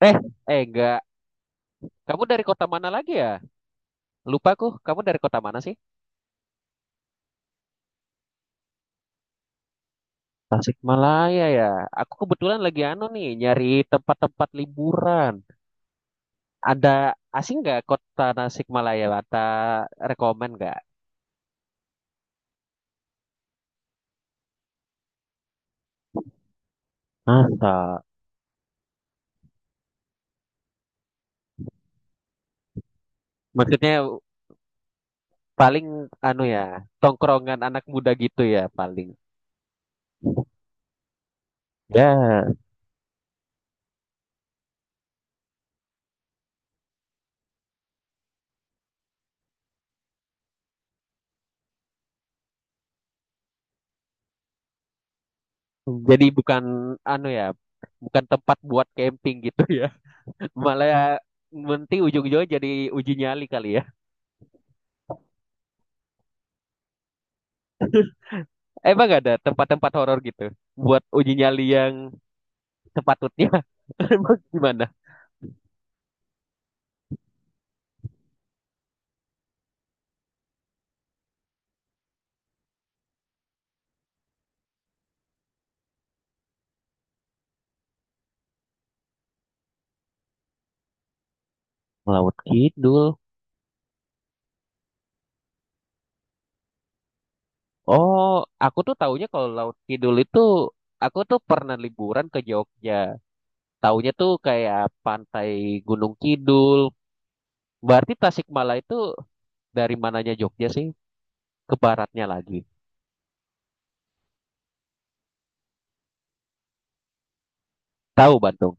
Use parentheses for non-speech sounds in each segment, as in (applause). Eh, eh, enggak. Kamu dari kota mana lagi ya? Lupa aku, kamu dari kota mana sih? Tasikmalaya ya. Aku kebetulan lagi anu nih, nyari tempat-tempat liburan. Ada asing nggak kota Tasikmalaya? Ada rekomen nggak? Masa? Maksudnya paling anu ya, tongkrongan anak muda gitu ya paling. Ya, jadi bukan anu ya, bukan tempat buat camping gitu ya. (laughs) Malah nanti ujung-ujungnya jadi uji nyali kali ya. Emang gak ada tempat-tempat horor gitu buat uji nyali yang sepatutnya? (laughs) Emang gimana? Laut Kidul. Oh, aku tuh taunya kalau Laut Kidul itu aku tuh pernah liburan ke Jogja. Taunya tuh kayak pantai Gunung Kidul. Berarti Tasikmalaya itu dari mananya Jogja sih? Ke baratnya lagi. Tahu Bantung.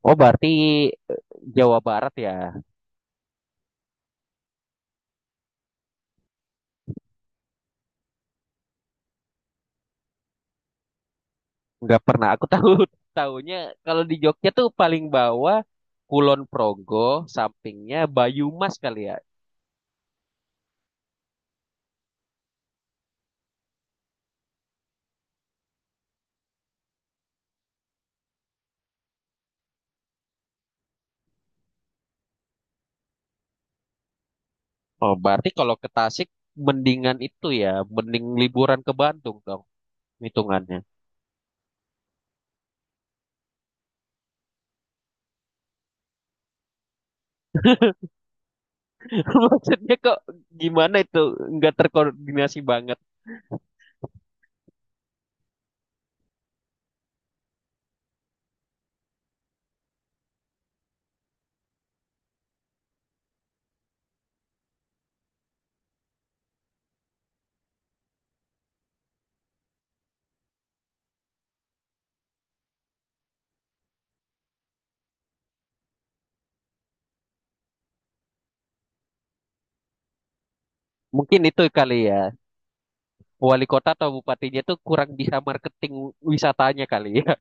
Oh, berarti Jawa Barat ya. Nggak pernah aku tahu, (laughs) tahunya kalau di Jogja tuh paling bawah Kulon Progo sampingnya Bayumas kali ya. Oh, berarti kalau ke Tasik mendingan itu ya, mending liburan ke Bandung dong hitungannya. (laughs) Maksudnya kok gimana itu, nggak terkoordinasi banget. Mungkin itu kali ya, wali kota atau bupatinya tuh kurang bisa marketing wisatanya kali ya.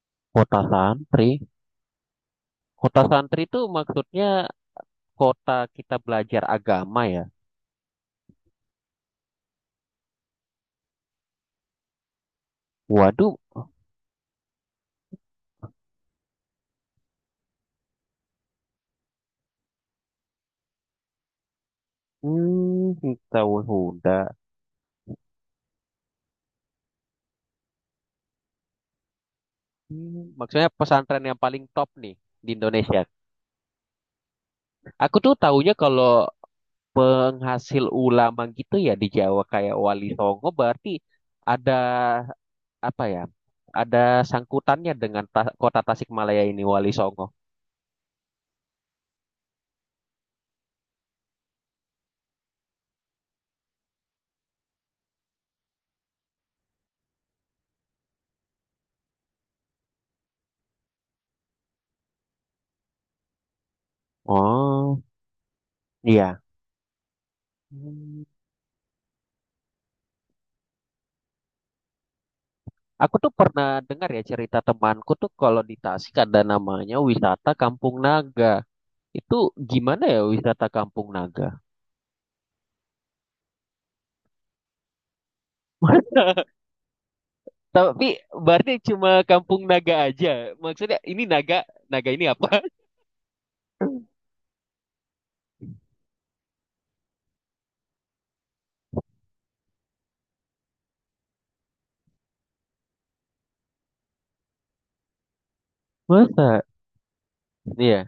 (laughs) Kota santri, kota santri itu maksudnya kota kita belajar agama ya. Waduh. Hmm, tahun Huda. Hmm, maksudnya pesantren yang paling top nih di Indonesia. Aku tuh taunya kalau penghasil ulama gitu ya di Jawa kayak Wali Songo berarti ada, apa ya? Ada sangkutannya dengan ta- kota Tasikmalaya ini Wali Songo. Oh, iya. Hmm. Aku tuh pernah dengar ya cerita temanku tuh kalau di Tasik ada namanya wisata Kampung Naga. Itu gimana ya wisata Kampung Naga? (laughs) Tapi berarti cuma kampung naga aja. Maksudnya ini naga, naga ini apa? (laughs) Masa? Iya,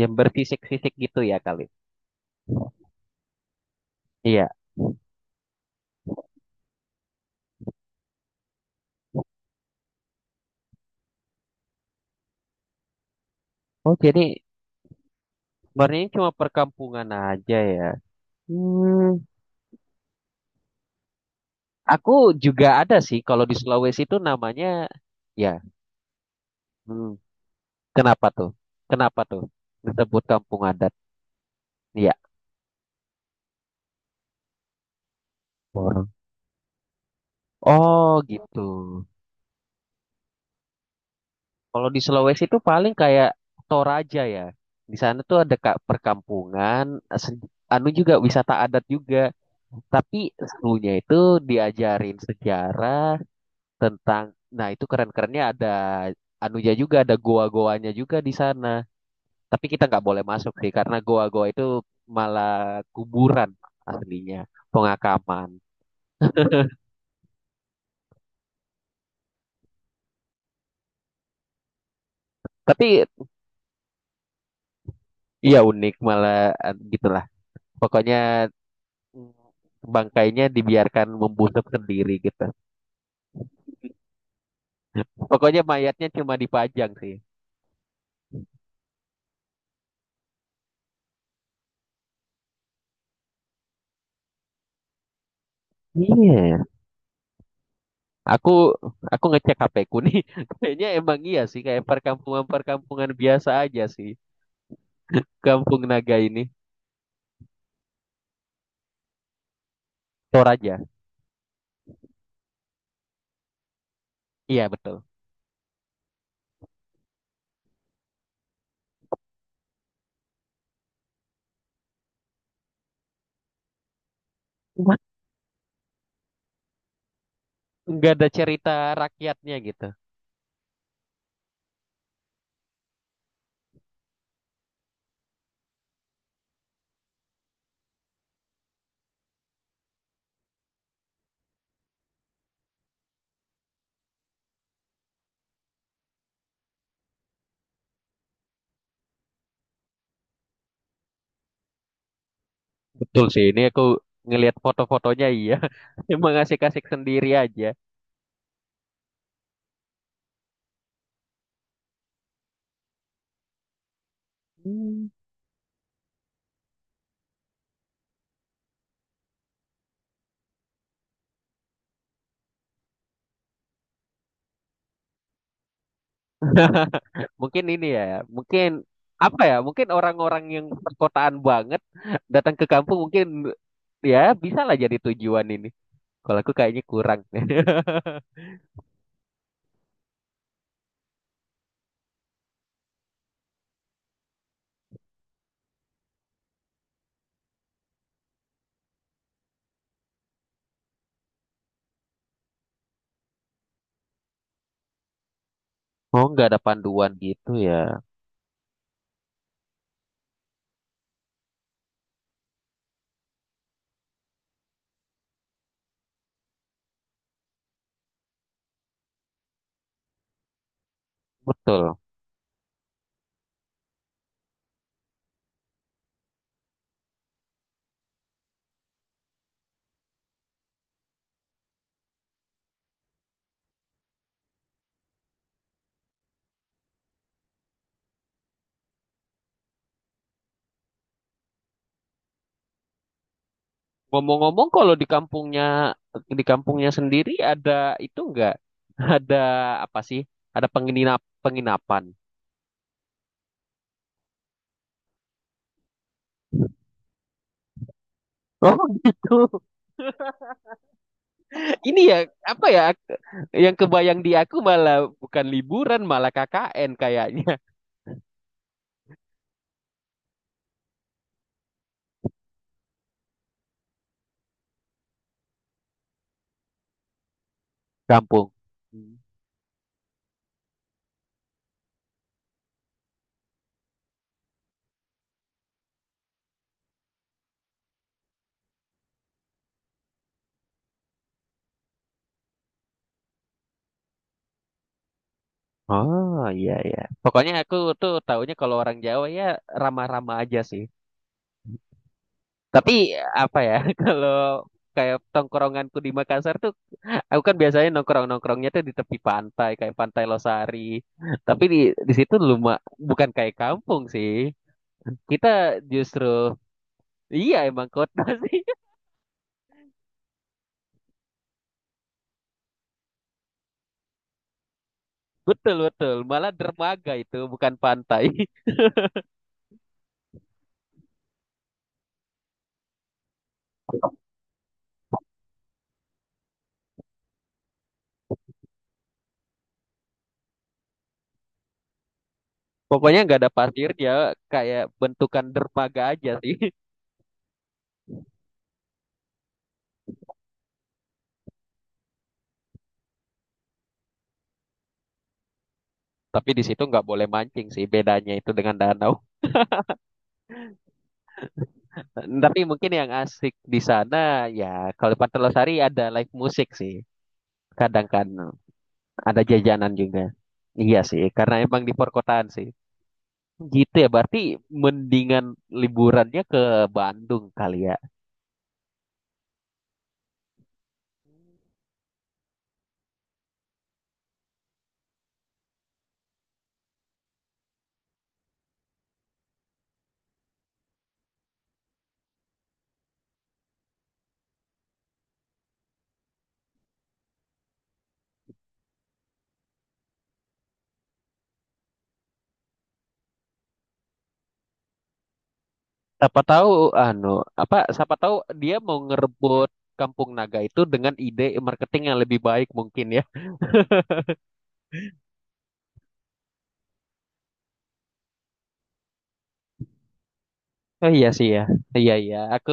yang berfisik-fisik gitu ya kali. Iya. Oh, jadi sebenarnya cuma perkampungan aja ya. Hmm, aku juga ada sih kalau di Sulawesi itu namanya ya. Hmm, kenapa tuh? Kenapa tuh disebut kampung adat? Iya. Orang. Oh, gitu. Kalau di Sulawesi itu paling kayak Toraja ya. Di sana tuh ada kak perkampungan, se- anu juga wisata adat juga. Tapi serunya itu diajarin sejarah tentang, nah itu keren-kerennya ada anunya juga, ada goa-goanya juga di sana. Tapi kita nggak boleh masuk sih, karena goa-goa itu malah kuburan aslinya, pengakaman. Tapi ya unik malah gitulah. Pokoknya bangkainya dibiarkan membusuk sendiri gitu. Pokoknya mayatnya cuma dipajang sih. Iya. Aku aku ngecek HP ku nih. (laughs) Kayaknya emang iya sih kayak perkampungan-perkampungan biasa aja sih. Kampung Naga ini. Toraja. Iya betul. What? Nggak ada cerita rakyatnya gitu. Betul sih ini aku ngelihat foto-fotonya iya. (laughs) Emang asik-asik sendiri aja. Mungkin ini ya, mungkin apa ya? Mungkin orang-orang yang perkotaan banget datang ke kampung mungkin ya bisa lah jadi tujuan ini. Kalau aku kayaknya kurang. (laughs) Oh, nggak ada panduan gitu ya. Betul. Ngomong-ngomong, kalau di kampungnya, di kampungnya sendiri ada itu nggak? Ada apa sih? Ada penginap penginapan. Oh gitu. (laughs) Ini ya apa ya? Yang kebayang di aku malah bukan liburan, malah KKN kayaknya. Kampung. Hmm. Oh iya iya. Pokoknya aku tuh taunya kalau orang Jawa ya ramah-ramah aja sih. Tapi apa ya, (laughs) kalau kayak tongkronganku di Makassar tuh aku kan biasanya nongkrong-nongkrongnya tuh di tepi pantai kayak Pantai Losari. Tapi di situ lumah bukan kayak kampung sih. Kita justru iya emang kota (laughs) sih. Betul betul. Malah dermaga itu bukan pantai. (laughs) Pokoknya nggak ada pasir ya, kayak bentukan dermaga aja sih. Tapi di situ nggak boleh mancing sih, bedanya itu dengan danau. (laughs) Tapi mungkin yang asik di sana ya kalau Pantai Losari ada live musik sih. Kadang kan ada jajanan juga. Iya sih, karena emang di perkotaan sih. Gitu ya, berarti mendingan liburannya ke Bandung kali ya. Siapa tahu anu apa, siapa tahu dia mau ngerebut Kampung Naga itu dengan ide marketing yang lebih baik mungkin ya. Oh iya sih ya, iya iya. Aku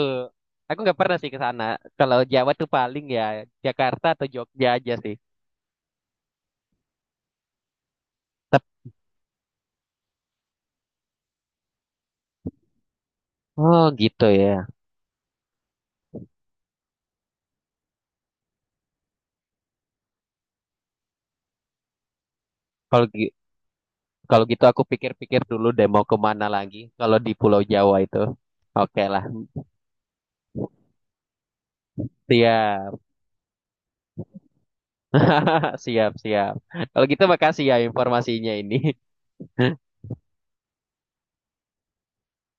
aku nggak pernah sih ke sana. Kalau Jawa tuh paling ya Jakarta atau Jogja aja sih. Tep- oh gitu ya. Kalau gi- Kalau gitu aku pikir-pikir dulu deh mau kemana lagi. Kalau di Pulau Jawa itu, oke lah. Siap, (laughs) siap, siap. Kalau gitu makasih ya informasinya ini. (laughs)